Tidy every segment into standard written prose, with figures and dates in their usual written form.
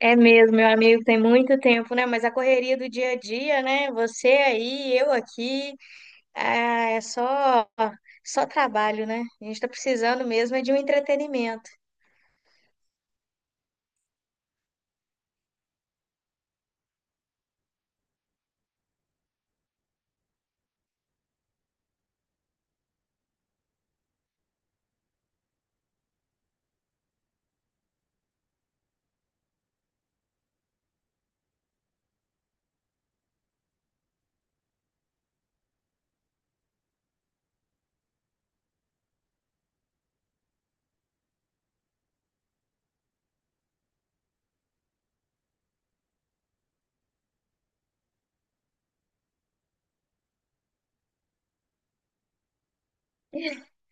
É mesmo, meu amigo, tem muito tempo, né? Mas a correria do dia a dia, né? Você aí, eu aqui, ah, é só só trabalho, né? A gente tá precisando mesmo é de um entretenimento.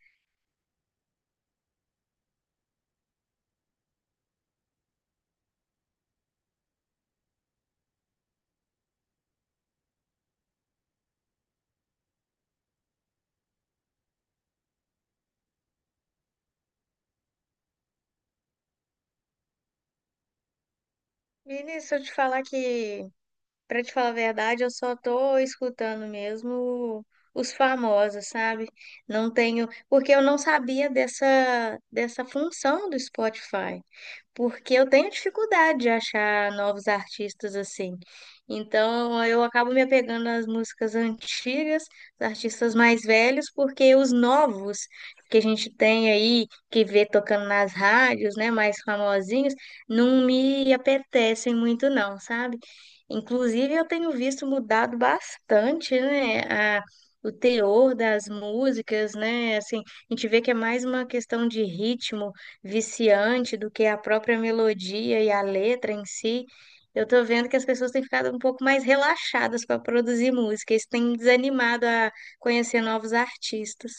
Vinícius, se eu te falar que, pra te falar a verdade, eu só tô escutando mesmo os famosos, sabe? Não tenho, porque eu não sabia dessa função do Spotify. Porque eu tenho dificuldade de achar novos artistas assim. Então eu acabo me apegando às músicas antigas, dos artistas mais velhos, porque os novos que a gente tem aí, que vê tocando nas rádios, né, mais famosinhos, não me apetecem muito não, sabe? Inclusive eu tenho visto mudado bastante, né, a- o teor das músicas, né? Assim, a gente vê que é mais uma questão de ritmo viciante do que a própria melodia e a letra em si, eu tô vendo que as pessoas têm ficado um pouco mais relaxadas para produzir música. Isso tem me desanimado a conhecer novos artistas.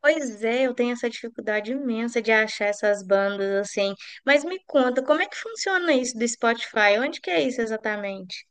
Pois é, eu tenho essa dificuldade imensa de achar essas bandas assim. Mas me conta, como é que funciona isso do Spotify? Onde que é isso exatamente?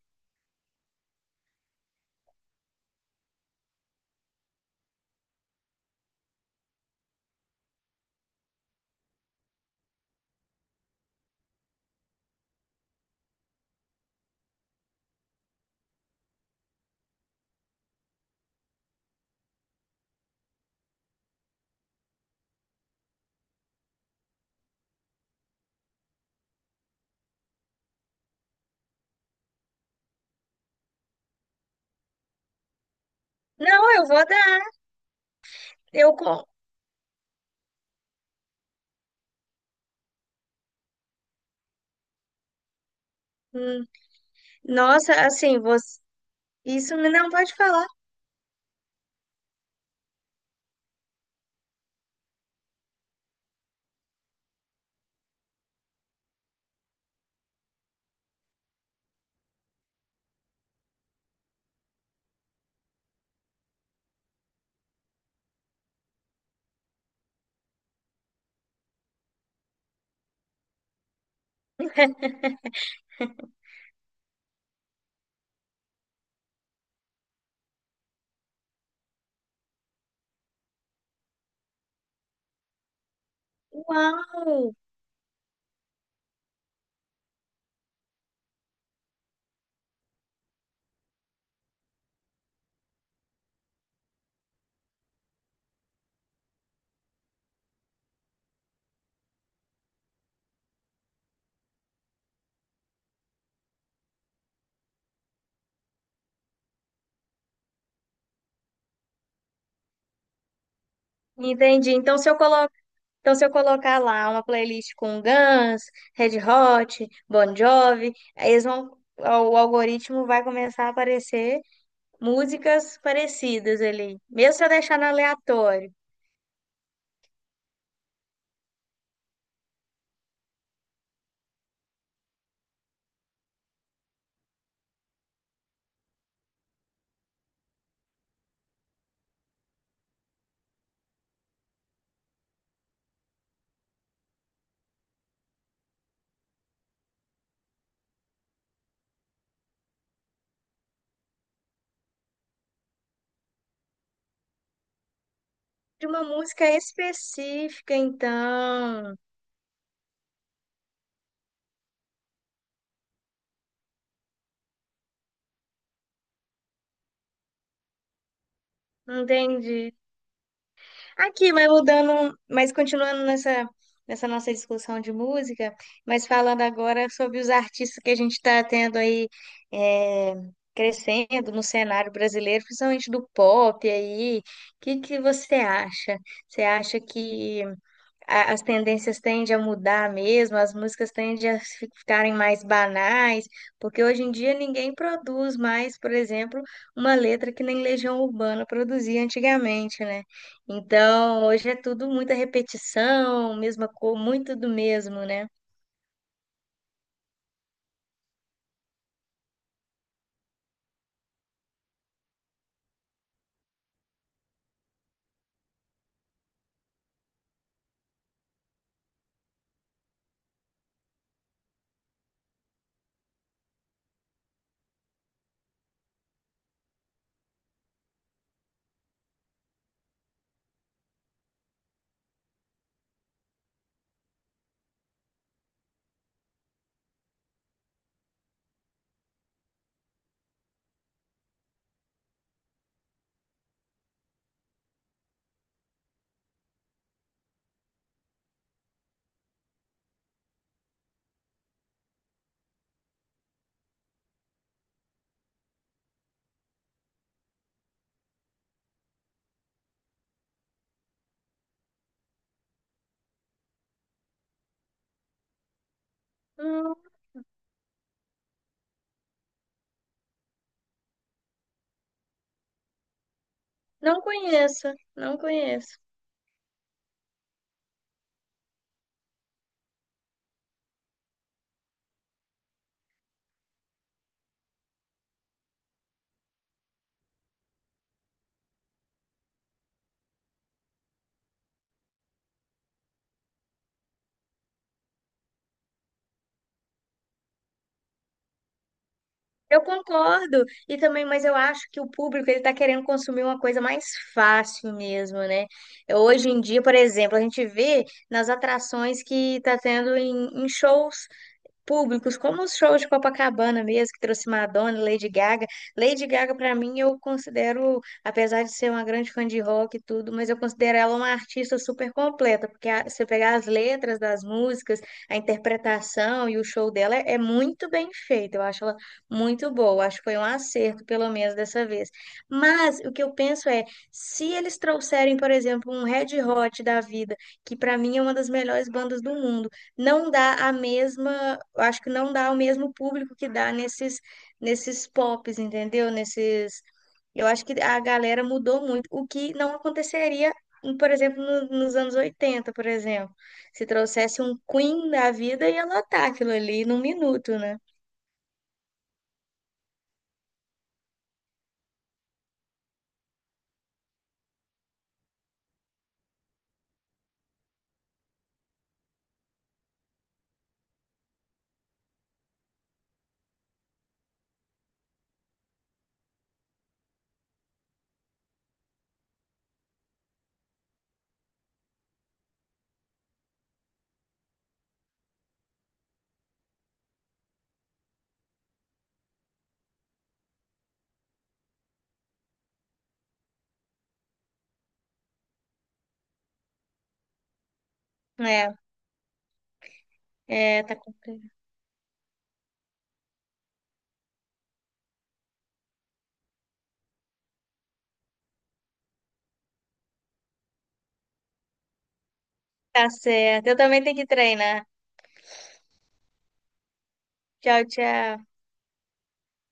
Não, eu vou dar. Eu com. Hum. Nossa, assim, você... não pode falar. Uau! Entendi. Então, se eu colocar lá uma playlist com Guns, Red Hot, Bon Jovi, aí eles vão, o algoritmo vai começar a aparecer músicas parecidas ali, mesmo se eu deixar no aleatório. De uma música específica, então, entendi. Aqui, mas mudando, mas continuando nessa nossa discussão de música, mas falando agora sobre os artistas que a gente está tendo aí, é, crescendo no cenário brasileiro, principalmente do pop aí, o que que você acha? Você acha que as tendências tendem a mudar mesmo, as músicas tendem a ficarem mais banais, porque hoje em dia ninguém produz mais, por exemplo, uma letra que nem Legião Urbana produzia antigamente, né? Então, hoje é tudo muita repetição, mesma cor, muito do mesmo, né? Hum, não conheço, não conheço. Eu concordo. E também, mas eu acho que o público ele está querendo consumir uma coisa mais fácil mesmo, né? Hoje em dia, por exemplo, a gente vê nas atrações que está tendo em, em shows públicos, como os shows de Copacabana mesmo, que trouxe Madonna, Lady Gaga. Lady Gaga, para mim, eu considero, apesar de ser uma grande fã de rock e tudo, mas eu considero ela uma artista super completa, porque se eu pegar as letras das músicas, a interpretação e o show dela é, é muito bem feito. Eu acho ela muito boa. Acho que foi um acerto, pelo menos dessa vez. Mas o que eu penso é, se eles trouxerem, por exemplo, um Red Hot da vida, que para mim é uma das melhores bandas do mundo, não dá a mesma, eu acho que não dá o mesmo público que dá nesses nesses pops, entendeu? Nesses, eu acho que a galera mudou muito, o que não aconteceria, por exemplo, nos anos 80, por exemplo. Se trouxesse um Queen da vida, ia lotar aquilo ali num minuto, né? É, é, tá, complicado. Tá certo. Eu também tenho que treinar. Tchau, tchau.